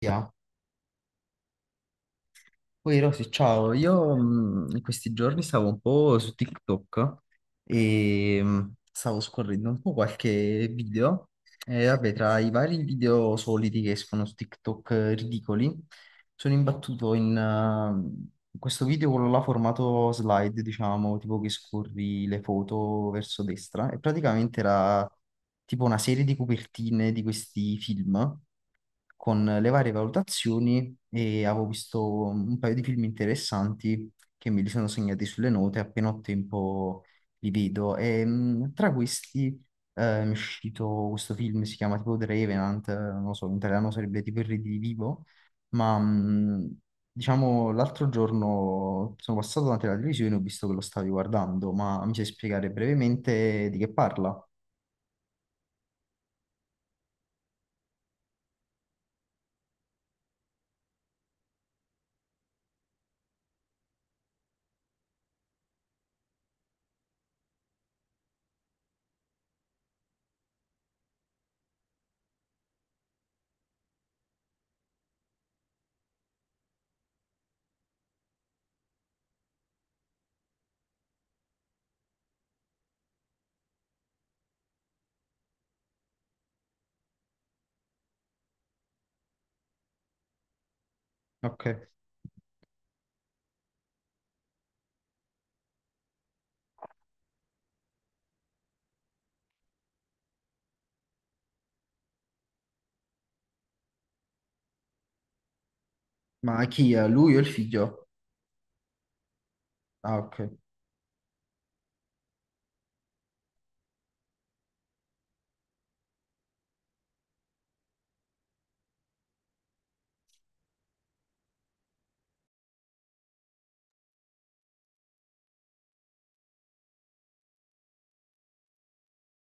Sia. Poi Rosy, ciao, io in questi giorni stavo un po' su TikTok e stavo scorrendo un po' qualche video e vabbè, tra i vari video soliti che escono su TikTok ridicoli, sono imbattuto in questo video con la formato slide, diciamo, tipo che scorri le foto verso destra e praticamente era tipo una serie di copertine di questi film con le varie valutazioni e avevo visto un paio di film interessanti che me li sono segnati sulle note, appena ho tempo li vedo. E, tra questi mi è uscito questo film, si chiama tipo The Revenant, non lo so, in italiano sarebbe tipo Il Redivivo, ma diciamo l'altro giorno sono passato davanti alla televisione e ho visto che lo stavi guardando, ma mi sai spiegare brevemente di che parla? Ok, ma chi è? Lui o il figlio? Ah, ok.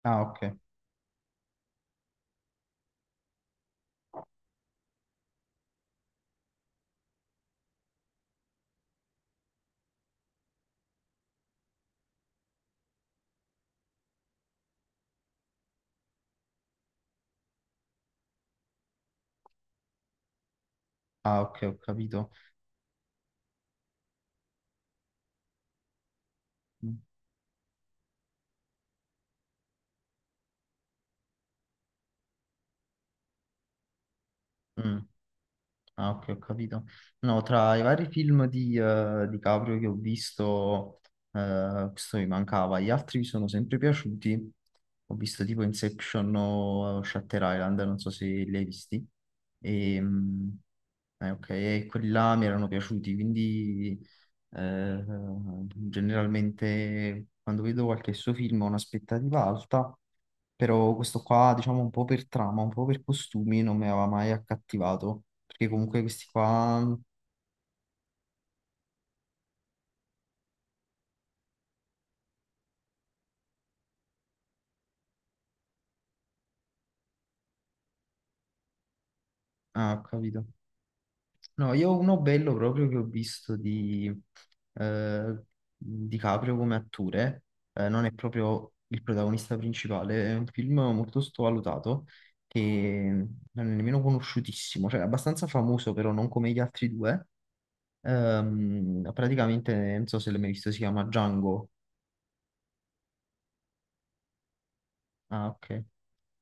Ah, ok. Ah, ok, ho capito. Mm. Ah, ok, ho capito. No, tra i vari film di Caprio che ho visto, questo mi mancava. Gli altri mi sono sempre piaciuti. Ho visto tipo Inception o Shutter Island, non so se li hai visti. E, mm, eh, ok, e quelli là mi erano piaciuti, quindi eh, generalmente quando vedo qualche suo film ho un'aspettativa alta, però questo qua, diciamo, un po' per trama, un po' per costumi, non mi aveva mai accattivato, perché comunque questi qua... Ah, ho capito. No, io uno bello proprio che ho visto di eh, DiCaprio come attore, non è proprio il protagonista principale, è un film molto sottovalutato che non è nemmeno conosciutissimo, cioè è abbastanza famoso però non come gli altri due. Praticamente, non so se l'hai mai visto, si chiama Django. Ah, ok.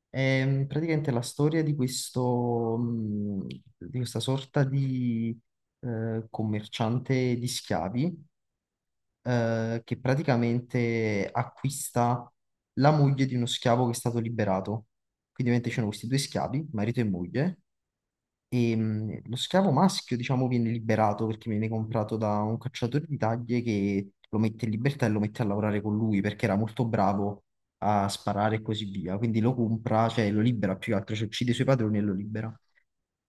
È praticamente la storia di questo, di questa sorta di commerciante di schiavi che praticamente acquista la moglie di uno schiavo che è stato liberato. Quindi ovviamente c'erano questi due schiavi, marito e moglie, e lo schiavo maschio, diciamo, viene liberato perché viene comprato da un cacciatore di taglie che lo mette in libertà e lo mette a lavorare con lui perché era molto bravo a sparare e così via. Quindi lo compra, cioè lo libera più che altro, cioè uccide i suoi padroni e lo libera.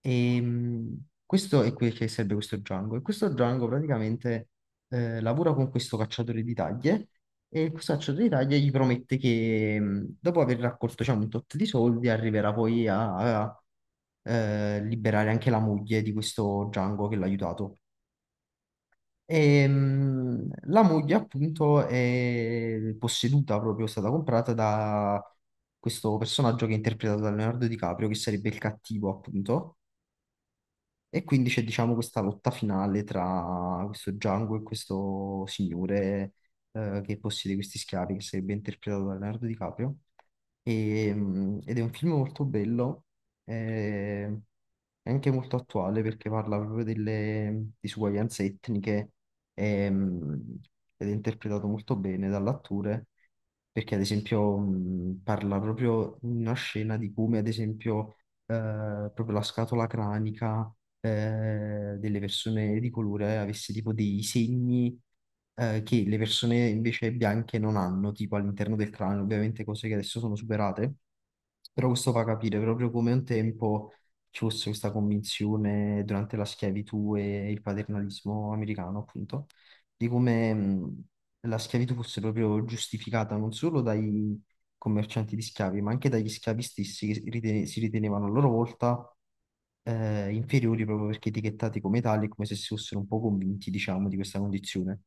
E questo è quel che serve questo Django. E questo Django praticamente lavora con questo cacciatore di taglie e questo cacciatore di taglie gli promette che dopo aver raccolto diciamo, un tot di soldi arriverà poi a liberare anche la moglie di questo Django che l'ha aiutato. E, la moglie appunto è posseduta proprio, è stata comprata da questo personaggio che è interpretato da Leonardo DiCaprio, che sarebbe il cattivo appunto e quindi c'è, diciamo, questa lotta finale tra questo Django e questo signore che possiede questi schiavi, che sarebbe interpretato da Leonardo DiCaprio. E, ed è un film molto bello, eh, è anche molto attuale perché parla proprio delle disuguaglianze etniche e, ed è interpretato molto bene dall'attore perché ad esempio parla proprio in una scena di come ad esempio proprio la scatola cranica delle persone di colore avesse tipo dei segni che le persone invece bianche non hanno, tipo all'interno del cranio, ovviamente cose che adesso sono superate. Però questo fa capire proprio come un tempo ci fosse questa convinzione durante la schiavitù e il paternalismo americano, appunto, di come la schiavitù fosse proprio giustificata non solo dai commercianti di schiavi, ma anche dagli schiavi stessi che si ritenevano a loro volta inferiori proprio perché etichettati come tali, come se si fossero un po' convinti, diciamo, di questa condizione.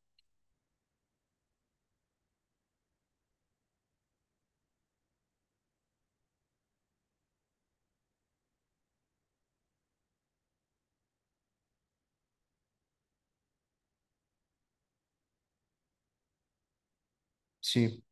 Sì,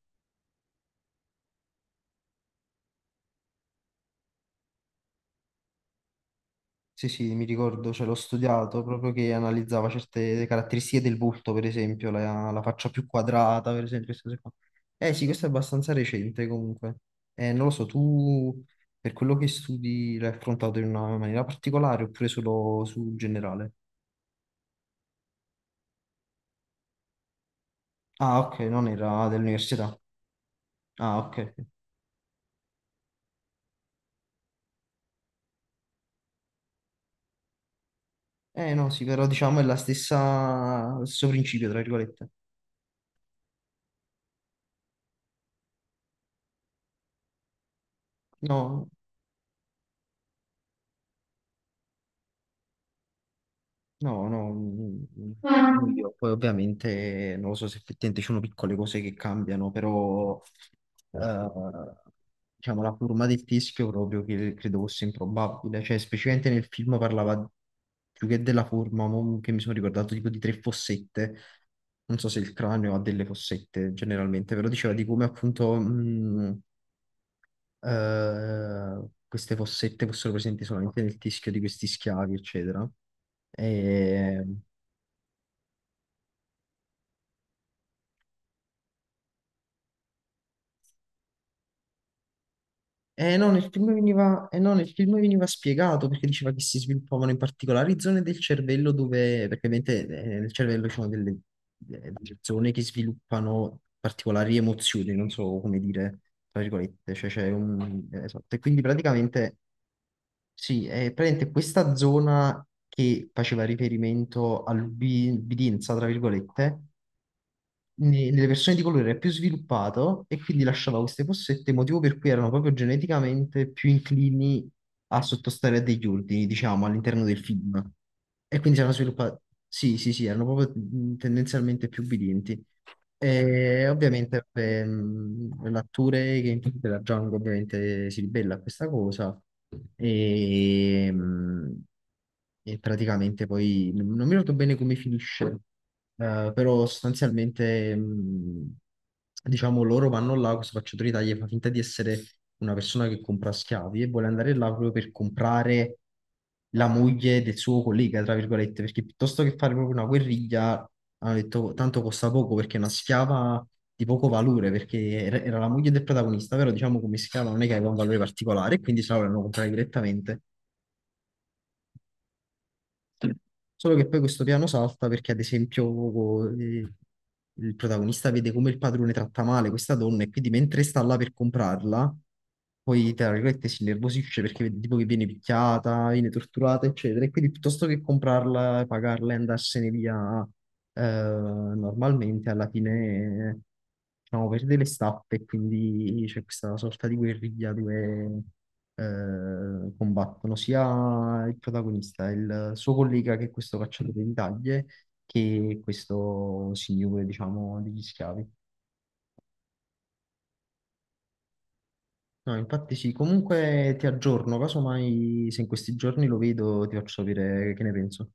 sì, sì, mi ricordo, cioè, l'ho studiato proprio che analizzava certe caratteristiche del volto, per esempio, la faccia più quadrata, per esempio, queste cose qua. Eh sì, questo è abbastanza recente comunque. Non lo so, tu per quello che studi l'hai affrontato in una maniera particolare oppure solo su generale? Ah, ok, non era dell'università. Ah, ok. Eh no, sì, però diciamo è la stessa, lo stesso principio, tra virgolette. No, no, no, mm, mm, non io. Poi ovviamente non lo so se effettivamente ci sono piccole cose che cambiano, però eh, diciamo la forma del teschio proprio che credo fosse improbabile, cioè specificamente nel film parlava più che della forma, mo che mi sono ricordato tipo di tre fossette, non so se il cranio ha delle fossette generalmente, però diceva di come appunto... mm, queste fossette fossero presenti solamente nel teschio di questi schiavi, eccetera. E, e no, nel film veniva, e no, nel film veniva spiegato perché diceva che si sviluppavano in particolari zone del cervello dove, perché ovviamente nel cervello ci sono delle zone che sviluppano particolari emozioni, non so come dire, tra virgolette, cioè c'è un... Esatto, e quindi praticamente sì, è praticamente questa zona che faceva riferimento all'ubbidienza, tra virgolette, nelle persone di colore era più sviluppato e quindi lasciava queste fossette, motivo per cui erano proprio geneticamente più inclini a sottostare a degli ordini, diciamo, all'interno del film. E quindi si erano sviluppati, sì, sì, sì, erano proprio tendenzialmente più ubbidienti. E ovviamente l'attore che interpreta Django ovviamente si ribella a questa cosa e, mh, e praticamente poi non mi ricordo bene come finisce, però sostanzialmente diciamo loro vanno là, questo facciatore d'Italia fa finta di essere una persona che compra schiavi e vuole andare là proprio per comprare la moglie del suo collega, tra virgolette, perché piuttosto che fare proprio una guerriglia ha detto tanto costa poco perché è una schiava di poco valore, perché era la moglie del protagonista, però diciamo come schiava non è che aveva un valore particolare, e quindi se la volevano comprare direttamente. Solo che poi questo piano salta perché, ad esempio, il protagonista vede come il padrone tratta male questa donna e quindi mentre sta là per comprarla, poi, tra virgolette, si innervosisce perché vede tipo che viene picchiata, viene torturata, eccetera. E quindi piuttosto che comprarla, pagarla e andarsene via eh, normalmente, alla fine, diciamo, perde le stappe e quindi c'è questa sorta di guerriglia dove combattono sia il protagonista, il suo collega che è questo cacciatore di taglie, che questo signore, diciamo, degli schiavi. No, infatti sì, comunque ti aggiorno, casomai se in questi giorni lo vedo ti faccio sapere che ne penso.